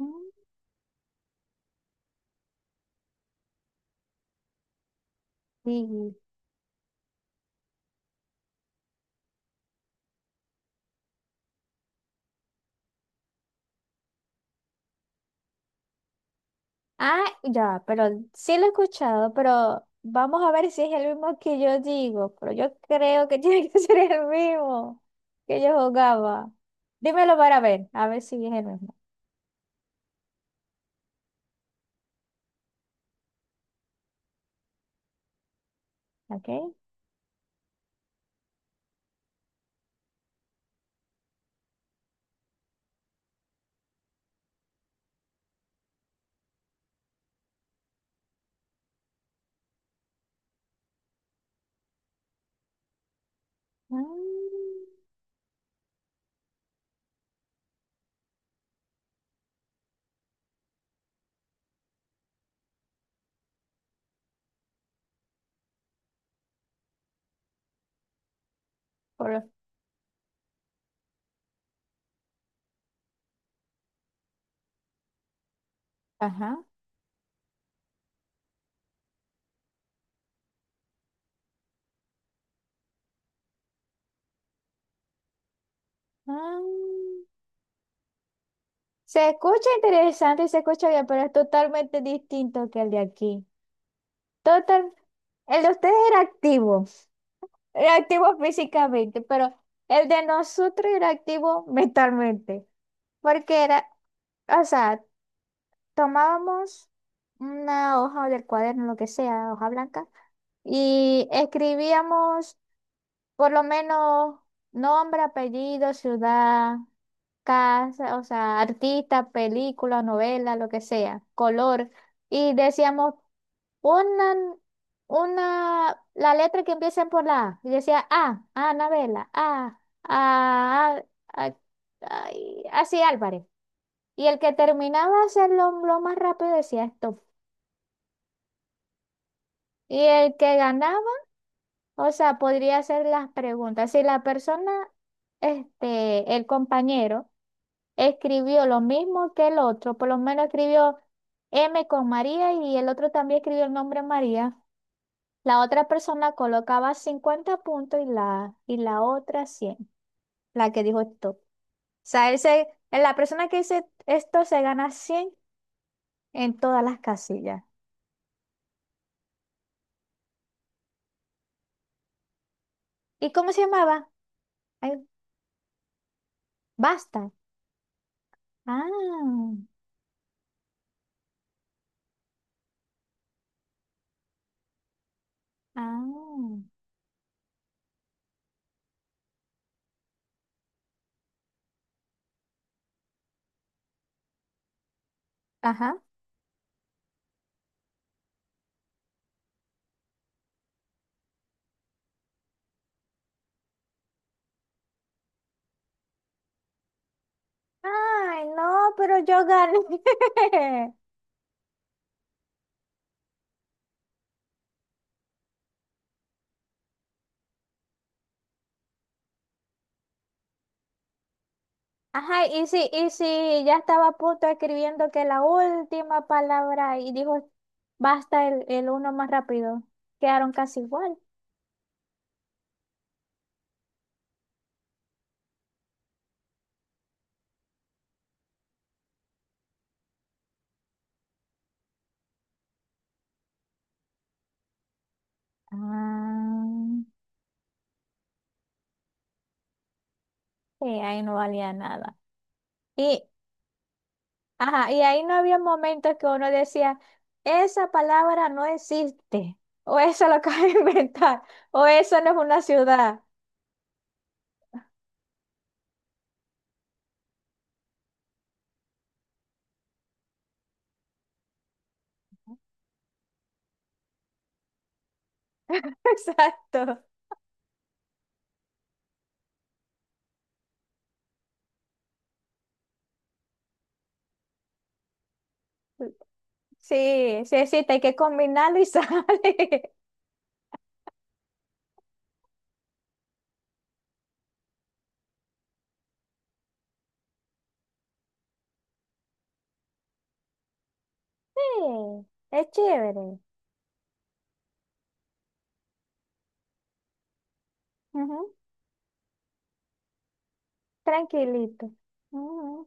Mm, Sí. Ah, ya, pero sí lo he escuchado, pero vamos a ver si es el mismo que yo digo, pero yo creo que tiene que ser el mismo que yo jugaba. Dímelo para ver, a ver si es el mismo. ¿Ok? Mm, por- Ajá. Ah, se escucha interesante y se escucha bien, pero es totalmente distinto que el de aquí. Total, el de ustedes era activo. Era activo físicamente, pero el de nosotros era activo mentalmente, porque era, o sea, tomábamos una hoja del cuaderno, lo que sea, hoja blanca, y escribíamos por lo menos nombre, apellido, ciudad, casa, o sea, artista, película, novela, lo que sea, color. Y decíamos una, la letra que empieza por la A. Y decía A, Anabela, A, A- ay, así Álvarez. Y el que terminaba de hacerlo lo más rápido decía esto. Y el que ganaba, o sea, podría hacer las preguntas. Si la persona, este, el compañero, escribió lo mismo que el otro, por lo menos escribió M con María y el otro también escribió el nombre María, la otra persona colocaba 50 puntos y la otra 100, la que dijo esto. O sea, la persona que dice esto se gana 100 en todas las casillas. ¿Y cómo se llamaba? Ay, Basta. Ah, ah, ajá. Ay, no, pero yo gané. Ajá, y si ya estaba a punto escribiendo que la última palabra y dijo basta el uno más rápido. Quedaron casi igual. Ah, sí, ahí no valía nada. Y, ajá, y ahí no había momentos que uno decía, esa palabra no existe, o eso lo acabo de inventar, o eso no es una ciudad. Exacto. Sí, sí existe, hay que combinarlo y sale. Sí, es chévere. Ujú. Tranquilito. Ujú.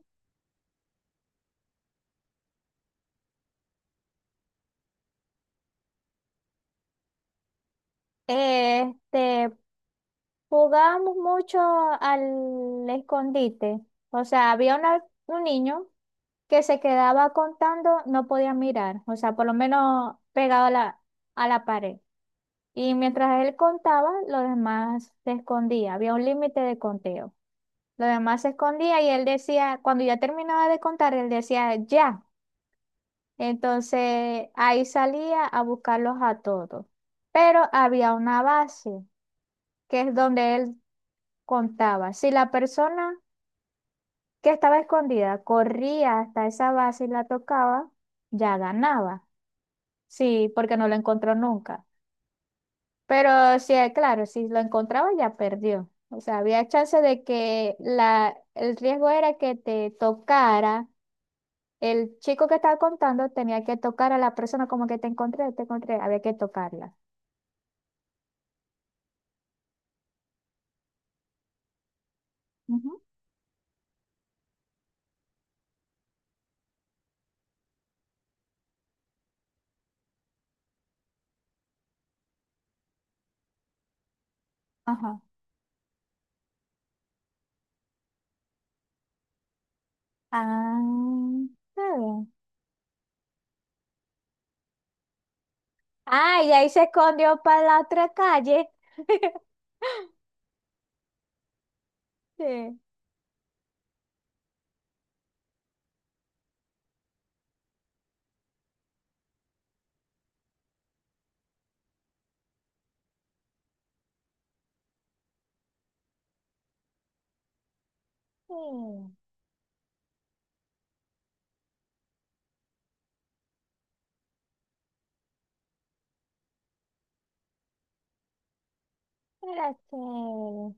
Este, jugábamos mucho al escondite. O sea, un niño que se quedaba contando, no podía mirar. O sea, por lo menos pegado a a la pared. Y mientras él contaba, los demás se escondía. Había un límite de conteo. Los demás se escondía y él decía, cuando ya terminaba de contar, él decía, ya. Entonces ahí salía a buscarlos a todos. Pero había una base, que es donde él contaba. Si la persona que estaba escondida corría hasta esa base y la tocaba, ya ganaba. Sí, porque no lo encontró nunca. Pero sí, claro, si lo encontraba ya perdió. O sea, había chance de que el riesgo era que te tocara. El chico que estaba contando tenía que tocar a la persona, como que te encontré, había que tocarla. Ujú. Ajá. Ah, está bien. Ah, y ahí se escondió para la otra calle. Sí. Sí, era chévere.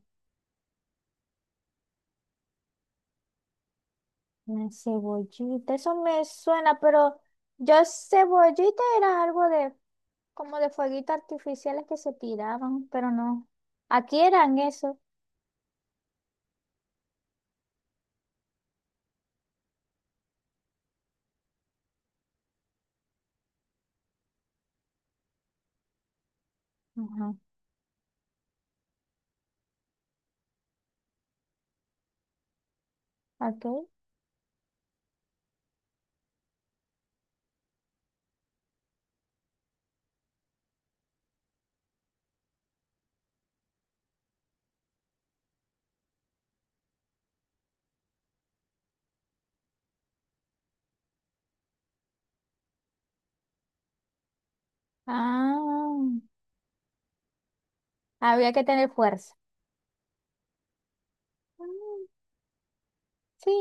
Una cebollita, eso me suena, pero yo cebollita era algo de, como de fueguitos artificiales que se tiraban, pero no. Aquí eran eso. Ajá. Ok. Ah, había que tener fuerza. Mm. Sí.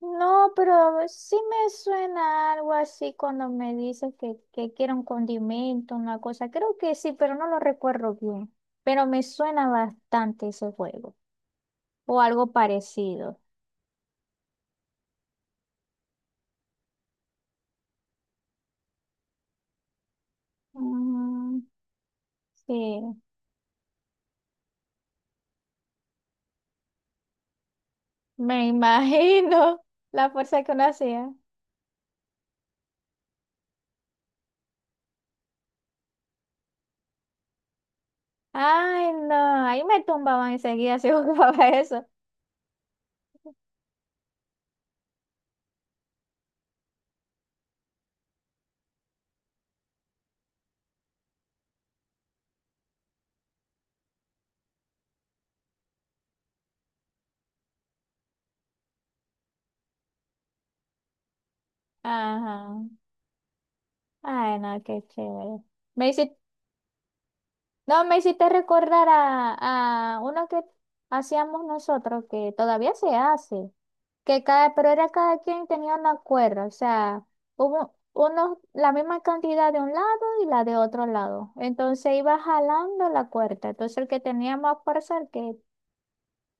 No, pero sí me suena algo así cuando me dices que quiero un condimento, una cosa. Creo que sí, pero no lo recuerdo bien. Pero me suena bastante ese juego o algo parecido. Mm, sí, me imagino la fuerza que uno hacía. Ay, no, ahí me tumbaban enseguida si jugaba eso. Ajá. Ay, no, qué chévere. Me hiciste No, me hiciste recordar a uno que hacíamos nosotros, que todavía se hace, que cada, pero era cada quien tenía una cuerda, o sea, hubo unos, la misma cantidad de un lado y la de otro lado. Entonces iba jalando la cuerda. Entonces el que tenía más fuerza, el que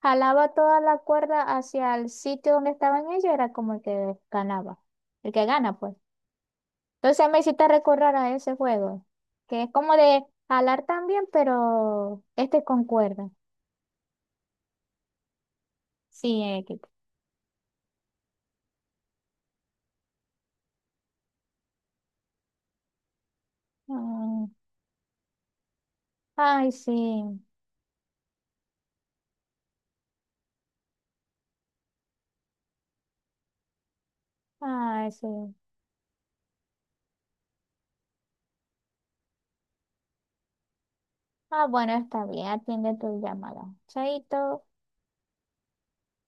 jalaba toda la cuerda hacia el sitio donde estaban ellos, era como el que ganaba, el que gana, pues. Entonces me hiciste recordar a ese juego, que es como de jalar también, pero este con cuerda. Sí, equipo. Mm. Ay, sí. Ay, sí. Ah, bueno, está bien, atiende tu llamada. Chaito.